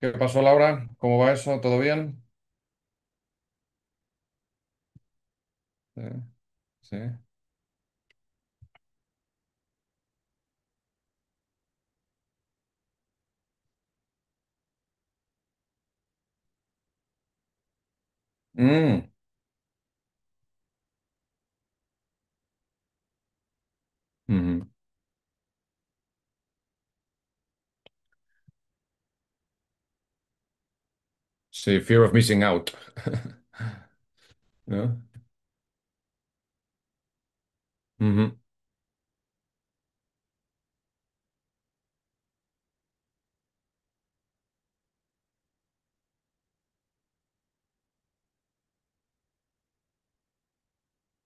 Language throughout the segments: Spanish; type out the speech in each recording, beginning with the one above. ¿Qué pasó, Laura? ¿Cómo va eso? ¿Todo bien? Sí. Sí. Mm, ujú. Sí, fear of missing out. ¿No? Ujú.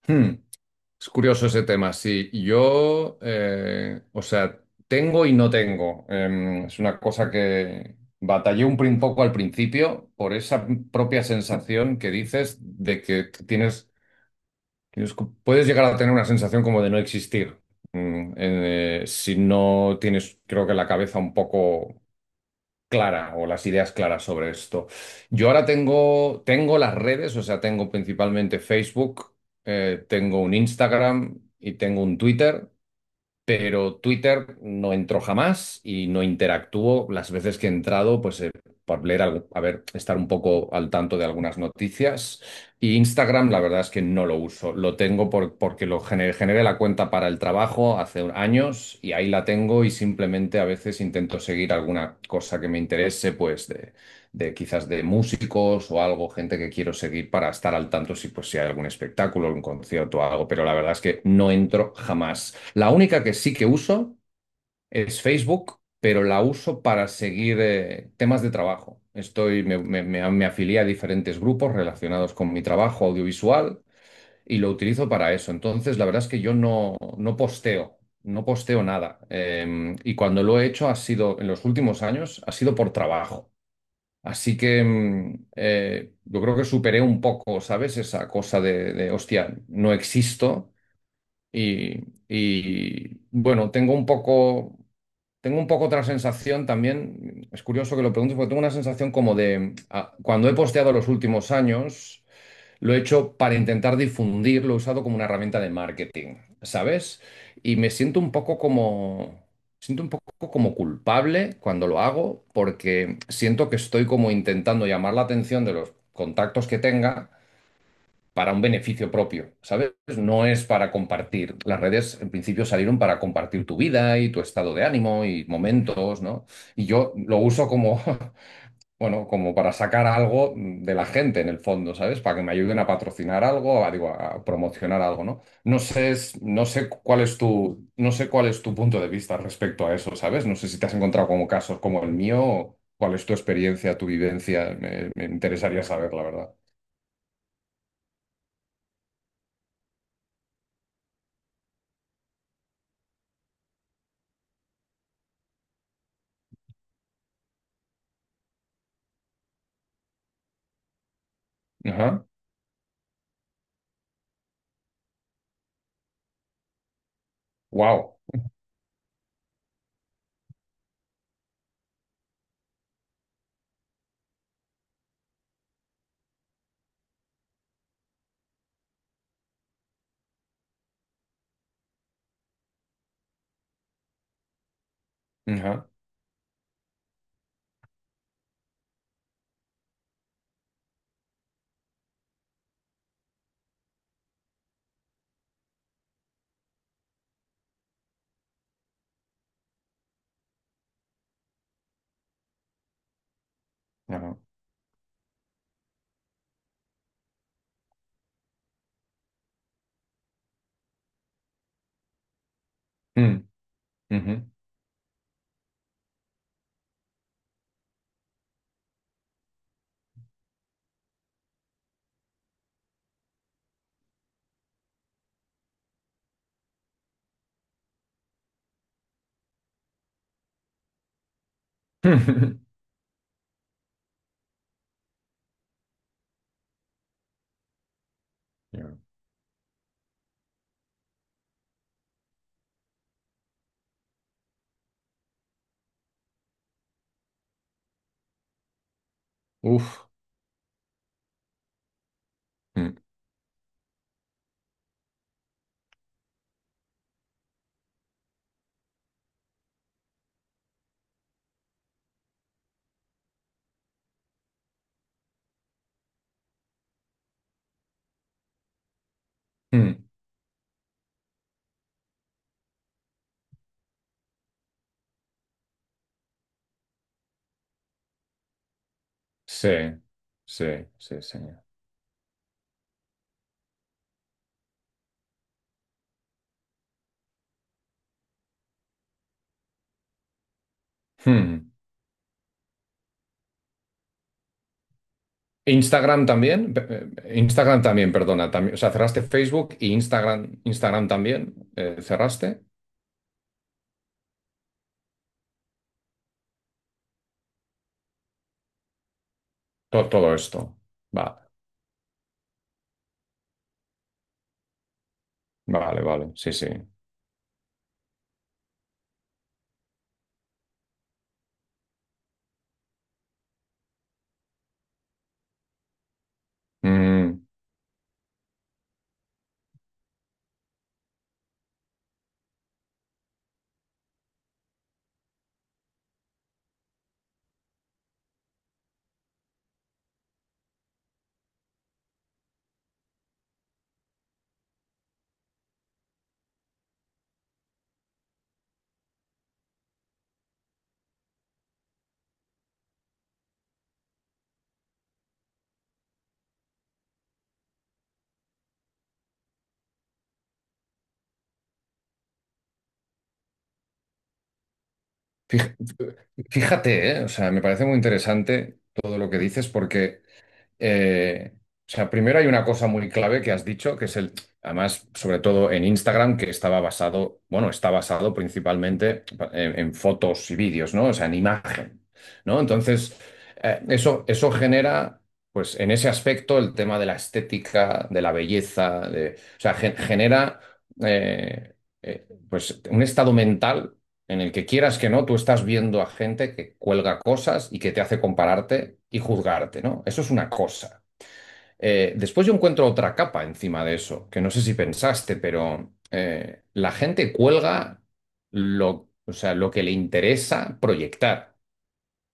Hmm. Es curioso ese tema. Sí, o sea, tengo y no tengo. Es una cosa que batallé un poco al principio por esa propia sensación que dices de que tienes- puedes llegar a tener una sensación como de no existir. Si no tienes, creo que la cabeza un poco clara o las ideas claras sobre esto. Yo ahora tengo las redes, o sea, tengo principalmente Facebook, tengo un Instagram y tengo un Twitter. Pero Twitter no entró jamás y no interactuó. Las veces que he entrado, pues por leer algo, a ver, estar un poco al tanto de algunas noticias. Y Instagram, la verdad es que no lo uso. Lo tengo porque lo generé la cuenta para el trabajo hace años y ahí la tengo y simplemente a veces intento seguir alguna cosa que me interese, pues de quizás de músicos o algo, gente que quiero seguir para estar al tanto si, pues, si hay algún espectáculo, un concierto o algo. Pero la verdad es que no entro jamás. La única que sí que uso es Facebook, pero la uso para seguir temas de trabajo. Estoy, me- Me afilié a diferentes grupos relacionados con mi trabajo audiovisual y lo utilizo para eso. Entonces, la verdad es que yo no, no posteo, no posteo nada. Y cuando lo he hecho ha sido, en los últimos años, ha sido por trabajo. Así que yo creo que superé un poco, ¿sabes? Esa cosa de hostia, no existo. y, y, bueno, tengo un poco otra sensación también. Es curioso que lo preguntes porque tengo una sensación como de ah, cuando he posteado los últimos años, lo he hecho para intentar difundir, lo he usado como una herramienta de marketing, ¿sabes? Y me siento un poco como, siento un poco como culpable cuando lo hago porque siento que estoy como intentando llamar la atención de los contactos que tenga para un beneficio propio, ¿sabes? No es para compartir. Las redes en principio salieron para compartir tu vida y tu estado de ánimo y momentos, ¿no? Y yo lo uso como, bueno, como para sacar algo de la gente en el fondo, ¿sabes? Para que me ayuden a patrocinar algo, a, digo, a promocionar algo, ¿no? No sé, no sé cuál es tu punto de vista respecto a eso, ¿sabes? No sé si te has encontrado como casos como el mío, o cuál es tu experiencia, tu vivencia, me interesaría saber, la verdad. Ajá. Wow. Ajá. Mm, ujú. Ya. Uf. Mm, mm. Sí, sí, sí, señor. Hmm. Instagram también, Pe- Instagram también, perdona, también, o sea, cerraste Facebook y Instagram, Instagram también, cerraste todo, esto. Vale, vale, vale, sí, sí. Mm, fij- Fíjate, o sea, me parece muy interesante todo lo que dices porque o sea, primero hay una cosa muy clave que has dicho, que es además, sobre todo en Instagram, que estaba basado, bueno, está basado principalmente en fotos y vídeos, ¿no? O sea, en imagen, ¿no? Entonces, eso genera, pues, en ese aspecto, el tema de la estética, de la belleza, de, o sea, genera, eh, pues, un estado mental en el que quieras que no, tú estás viendo a gente que cuelga cosas y que te hace compararte y juzgarte, ¿no? Eso es una cosa. Después yo encuentro otra capa encima de eso, que no sé si pensaste, pero la gente cuelga o sea, lo que le interesa proyectar.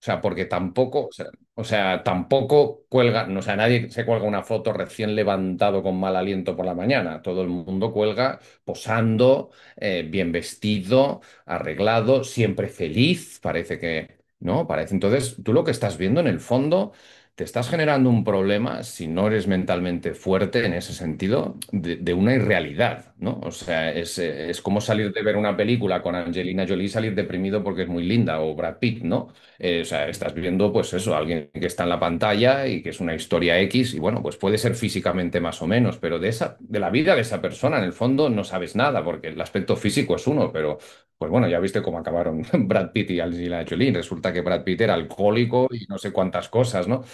O sea, porque tampoco, o sea, tampoco cuelga, no, o sea, nadie se cuelga una foto recién levantado con mal aliento por la mañana. Todo el mundo cuelga posando, bien vestido, arreglado, siempre feliz, parece que, ¿no? Parece. Entonces, tú lo que estás viendo en el fondo, te estás generando un problema, si no eres mentalmente fuerte en ese sentido, de una irrealidad, ¿no? O sea, es como salir de ver una película con Angelina Jolie y salir deprimido porque es muy linda, o Brad Pitt, ¿no? O sea, estás viendo, pues eso, alguien que está en la pantalla y que es una historia X, y bueno, pues puede ser físicamente más o menos, pero de la vida de esa persona, en el fondo, no sabes nada, porque el aspecto físico es uno, pero pues bueno, ya viste cómo acabaron Brad Pitt y Angelina Jolie. Resulta que Brad Pitt era alcohólico y no sé cuántas cosas, ¿no?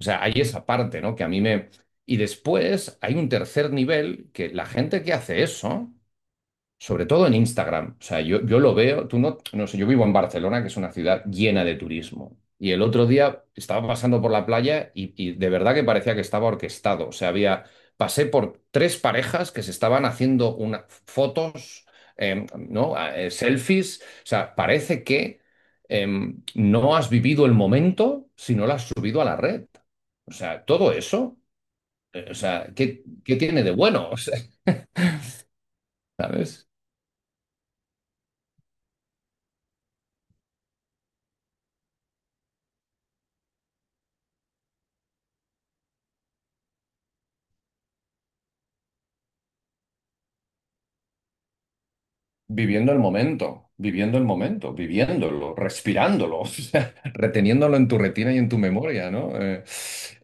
O sea, hay esa parte, ¿no? Que a mí me. Y después hay un tercer nivel que la gente que hace eso sobre todo en Instagram. O sea, yo lo veo, tú no sé, yo vivo en Barcelona, que es una ciudad llena de turismo. Y el otro día estaba pasando por la playa y de verdad que parecía que estaba orquestado. O sea, había, pasé por tres parejas que se estaban haciendo una, fotos, ¿no? Selfies. O sea, parece que no has vivido el momento si no lo has subido a la red. O sea, todo eso, o sea, ¿qué, qué tiene de bueno? O sea, ¿sabes? Viviendo el momento, viviéndolo, respirándolo, o sea, reteniéndolo en tu retina y en tu memoria, ¿no? Eh,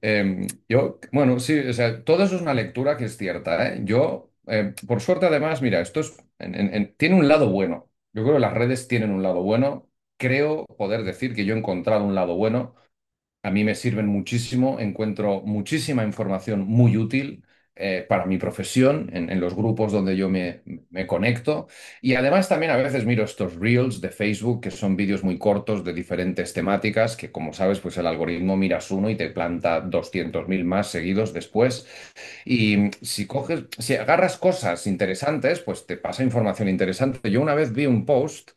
em, Yo, bueno, sí, o sea, todo eso es una lectura que es cierta, ¿eh? Por suerte, además, mira, esto es, tiene un lado bueno. Yo creo que las redes tienen un lado bueno. Creo poder decir que yo he encontrado un lado bueno. A mí me sirven muchísimo, encuentro muchísima información muy útil para mi profesión en los grupos donde me conecto. Y además también a veces miro estos reels de Facebook, que son vídeos muy cortos de diferentes temáticas, que como sabes, pues el algoritmo miras uno y te planta 200.000 más seguidos después. Y si coges, si agarras cosas interesantes, pues te pasa información interesante. Yo una vez vi un post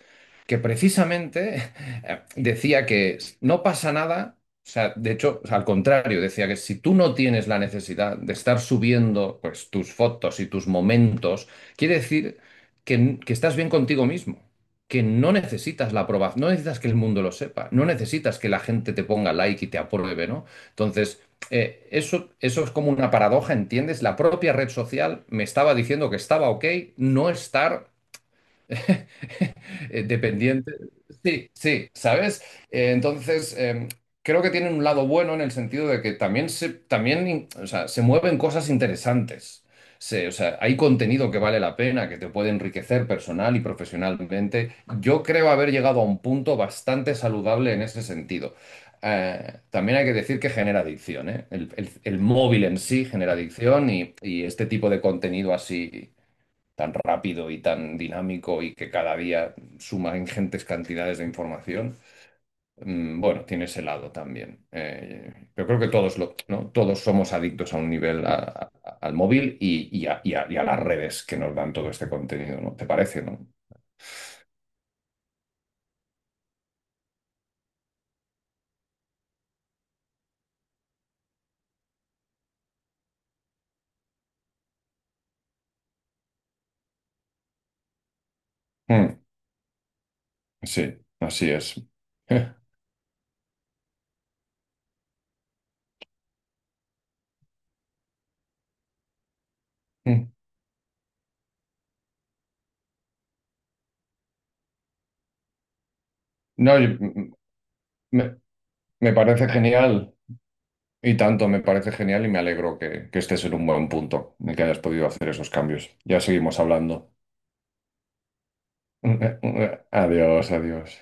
que precisamente decía que no pasa nada. O sea, de hecho, al contrario, decía que si tú no tienes la necesidad de estar subiendo pues, tus fotos y tus momentos, quiere decir que estás bien contigo mismo, que no necesitas la aprobación, no necesitas que el mundo lo sepa, no necesitas que la gente te ponga like y te apruebe, ¿no? Entonces, eso es como una paradoja, ¿entiendes? La propia red social me estaba diciendo que estaba ok no estar dependiente. Sí, sí, ¿sabes? Eh, entonces, eh, creo que tienen un lado bueno en el sentido de que también o sea, se mueven cosas interesantes. O sea, hay contenido que vale la pena, que te puede enriquecer personal y profesionalmente. Yo creo haber llegado a un punto bastante saludable en ese sentido. También hay que decir que genera adicción, ¿eh? El móvil en sí genera adicción y este tipo de contenido así tan rápido y tan dinámico y que cada día suma ingentes cantidades de información, mm, bueno, tiene ese lado también. Yo creo que todos, lo, ¿no? Todos somos adictos a un nivel al móvil y a las redes que nos dan todo este contenido, ¿no? ¿Te parece, no? Mm, sí, así es. Mm. No, yo- mm, me, me parece genial. Y tanto, me parece genial y me alegro que estés en un buen punto, de que hayas podido hacer esos cambios. Ya seguimos hablando. Adiós, adiós.